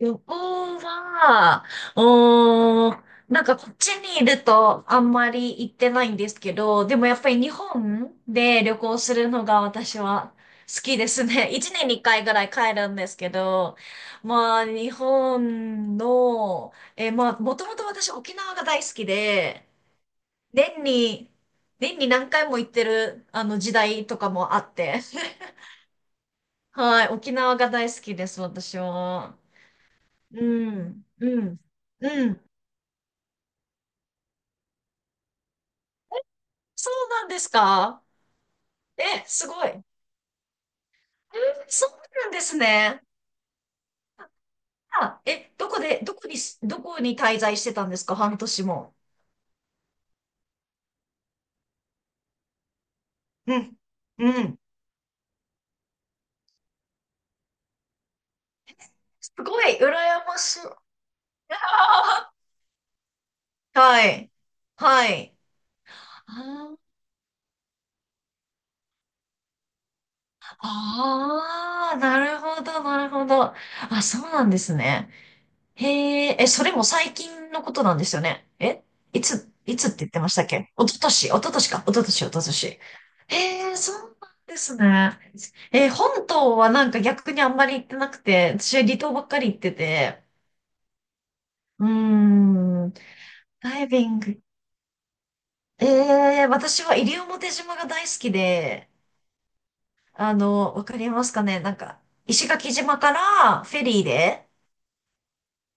旅行は、うーなんかこっちにいるとあんまり行ってないんですけど、でもやっぱり日本で旅行するのが私は好きですね。一年に一回ぐらい帰るんですけど、まあ日本の、まあもともと私沖縄が大好きで、年に、年に何回も行ってるあの時代とかもあって、はい、沖縄が大好きです、私は。うん、うん、うん。そうなんですか？え、すごい。えそうなんですね。あ、え、どこで、どこに、どこに滞在してたんですか？半年も。うん、うん。すごい、羨ましい。あーはい、はい。あーあー、なるほど、なるほど。あ、そうなんですね。へえ、え、それも最近のことなんですよね。えいつって言ってましたっけ？一昨年、一昨年か。一昨年、一昨年。へえ、そうなんですね。え、本島はなんか逆にあんまり行ってなくて、私は離島ばっかり行ってて。うーん、ダイビング。ええ、私は西表島が大好きで、あの、わかりますかね、なんか、石垣島からフェリーで、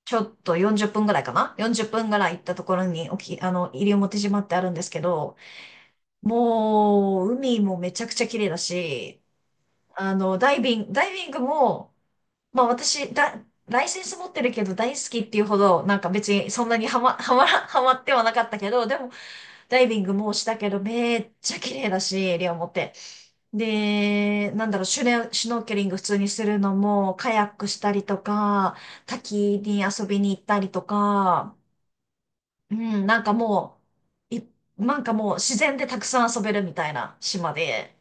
ちょっと40分ぐらいかな？ 40 分ぐらい行ったところに、あの、西表島ってあるんですけど、もう、海もめちゃくちゃ綺麗だし、あの、ダイビングも、まあ私、ライセンス持ってるけど大好きっていうほど、なんか別にそんなにハマってはなかったけど、でも、ダイビングもしたけど、めっちゃ綺麗だし、西表。で、なんだろう、シュノーケリング普通にするのも、カヤックしたりとか、滝に遊びに行ったりとか、うん、なんかもう、い、なんかもう自然でたくさん遊べるみたいな島で、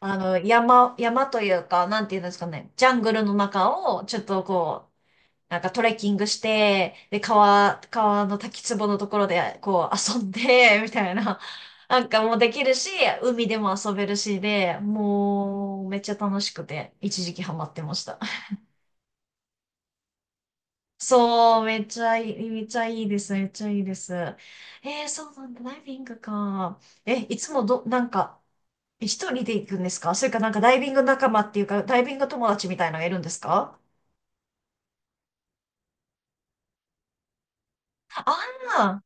あの、山というか、なんていうんですかね、ジャングルの中をちょっとこう、なんかトレッキングして、で、川の滝壺のところでこう遊んで、みたいな、なんかもうできるし、海でも遊べるしで、もうめっちゃ楽しくて、一時期ハマってました。そう、めっちゃいいです、めっちゃいいです。えー、そうなんだ、ダイビングか。え、いつもど、なんか、一人で行くんですか？それかなんかダイビング仲間っていうか、ダイビング友達みたいなのがいるんですか？ああ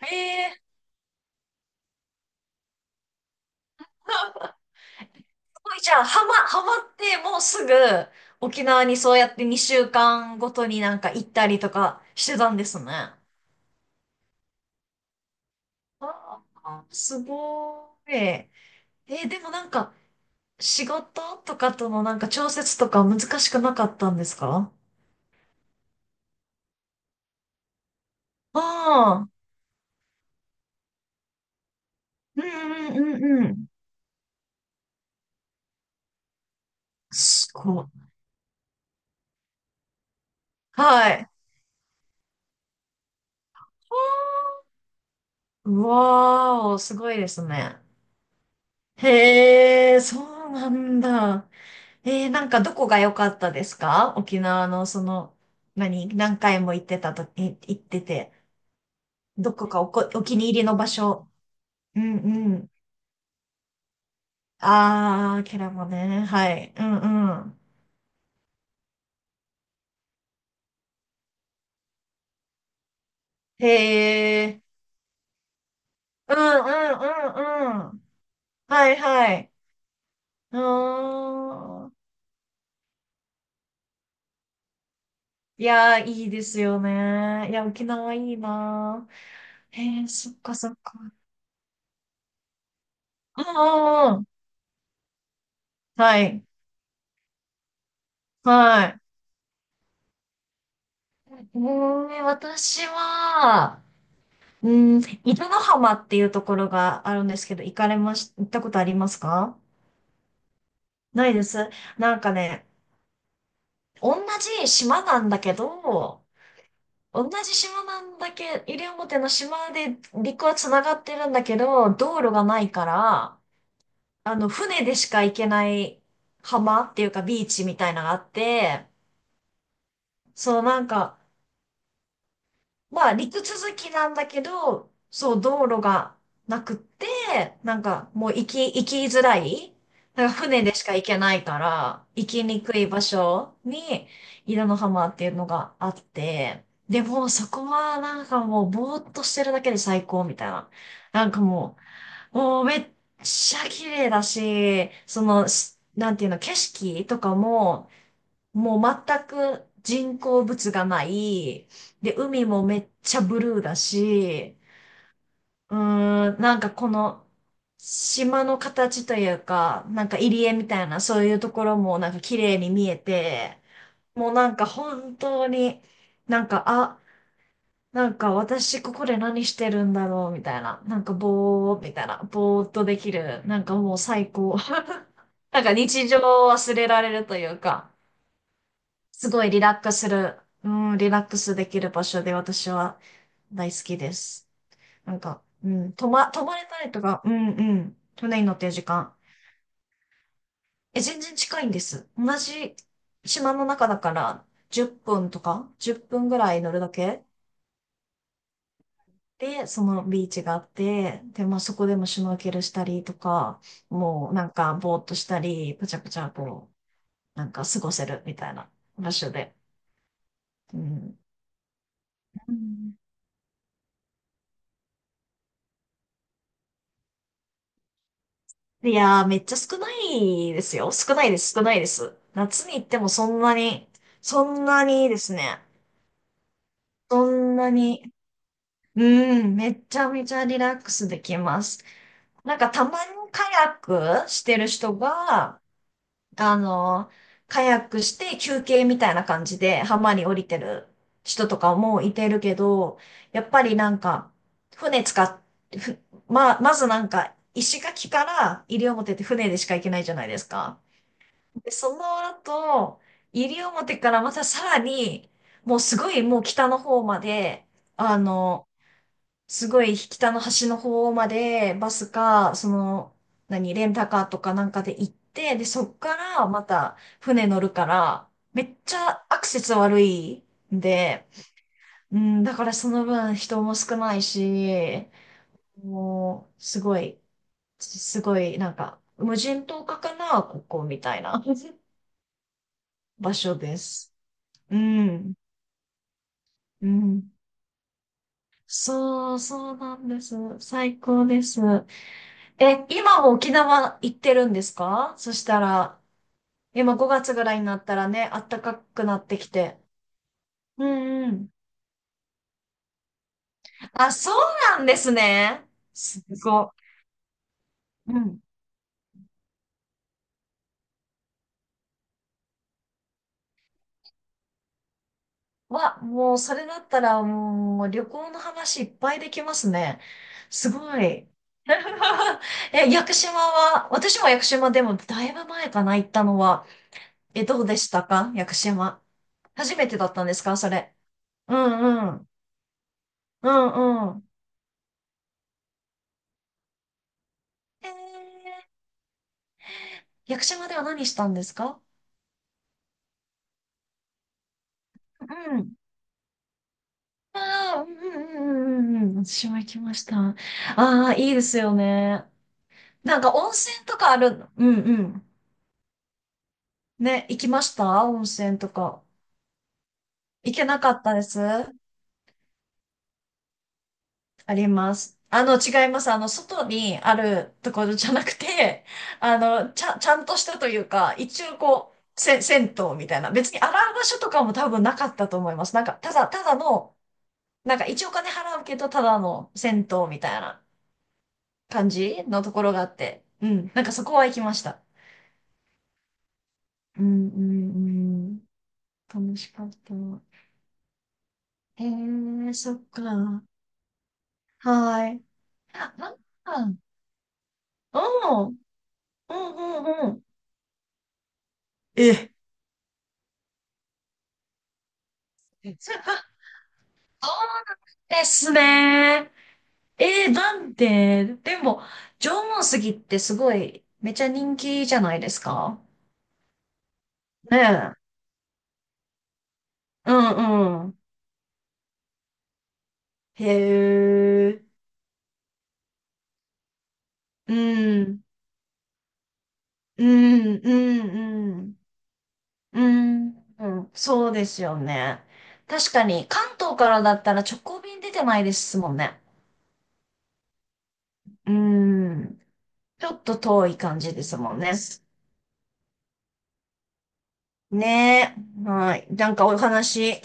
ー、えー、すごいじゃあ、ハマってもうすぐ沖縄にそうやって2週間ごとになんか行ったりとかしてたんですね。ああ、すごい。えーでもなんか、仕事とかとのなんか調節とか難しくなかったんですか？ああー、うんうんうんうん。すごい。はい。うわーお、すごいですね。へえ、そうなんだ。えー、なんかどこが良かったですか？沖縄のその、何回も行ってたと、行ってて、どこかおこ、お気に入りの場所。うんうん。あー、キャラもね。はい。うんうん。へえ。うんうんうんうん。はいはい。うーん。いやー、いいですよね。いや、沖縄いいなー。へえ、そっかそっか。うんうんうん。はい。はい。うーん、私は、うーん、伊豆の浜っていうところがあるんですけど、行かれまし、行ったことありますか？ないです。なんかね、同じ島なんだけど、同じ島なんだけ、西表の島で陸は繋がってるんだけど、道路がないから、あの、船でしか行けない浜っていうかビーチみたいなのがあって、そうなんか、まあ、陸続きなんだけど、そう、道路がなくって、なんか、もう行き、行きづらい。なんか船でしか行けないから、行きにくい場所に、稲の浜っていうのがあって、でも、そこはなんかもう、ぼーっとしてるだけで最高みたいな。なんかももうめっちゃ綺麗だし、その、しなんていうの、景色とかも、もう全く人工物がない。で、海もめっちゃブルーだし、うーん、なんかこの島の形というか、なんか入り江みたいなそういうところもなんか綺麗に見えて、もうなんか本当になんか、あ、なんか私ここで何してるんだろうみたいな、ぼーっとできる、なんかもう最高。なんか日常を忘れられるというか。すごいリラックスする、うん、リラックスできる場所で私は大好きです。なんか、うん、泊まれたりとか、うんうん、船に乗ってる時間。え、全然近いんです。同じ島の中だから10分とか、1分ぐらい乗るだけで、そのビーチがあって、で、まあそこでもシュノーケルしたりとか、もうなんかぼーっとしたり、ぷちゃぷちゃこう、なんか過ごせるみたいな場所で。うん。うんいやー、めっちゃ少ないですよ。少ないです。夏に行ってもそんなに、そんなにですね。そんなに、うん、めちゃめちゃリラックスできます。なんかたまにカヤックしてる人が、あの、カヤックして休憩みたいな感じで浜に降りてる人とかもいてるけど、やっぱりなんか、船使って、ふまあ、まずなんか、石垣から西表って船でしか行けないじゃないですか。で、その後、西表からまたさらに、もうすごいもう北の方まで、あの、すごい北の端の方まで、バスか、その、何、レンタカーとかなんかで行って、で、そっからまた船乗るから、めっちゃアクセス悪いんで、うん、だからその分人も少ないし、もう、すごい、すごい、なんか、無人島かな、ここみたいな 場所です。うん、うん。そうなんです。最高です。え、今も沖縄行ってるんですか？そしたら、今5月ぐらいになったらね、暖かくなってきて。うんうん。あ、そうなんですね。すごい。うん。わ、もうそれだったらもう旅行の話いっぱいできますね。すごい。え、屋久島は、私も屋久島でもだいぶ前かな、行ったのは。え、どうでしたか？屋久島。初めてだったんですか？それ。うんうん。うんうん。えー、屋久島では何したんですか？うん。ああ、うんうんうんうんうん。私も行きました。ああ、いいですよね。なんか温泉とかある。うんうん。ね、行きました温泉とか。行けなかったです。あります。あの、違います。あの、外にあるところじゃなくて、あの、ちゃんとしたというか、一応こう、せ、銭湯みたいな。別に洗う場所とかも多分なかったと思います。なんか、ただの、なんか一応お金払うけど、ただの銭湯みたいな感じのところがあって。うん。なんかそこは行きました。うん、うん、うん。楽しかった。へえ、そっか。はい。あ、なんか、うん、うん、うん、うん。え。そうですね。えー、なんで、でも、縄文杉ってすごい、めちゃ人気じゃないですか？ねえ。うんうん。へえ。うん。うん、うん、うん。うん、うんそうですよね。確かに、関東からだったら直行便出てないですもんね。うん。ちょっと遠い感じですもんね。ねえ。はい。なんかお話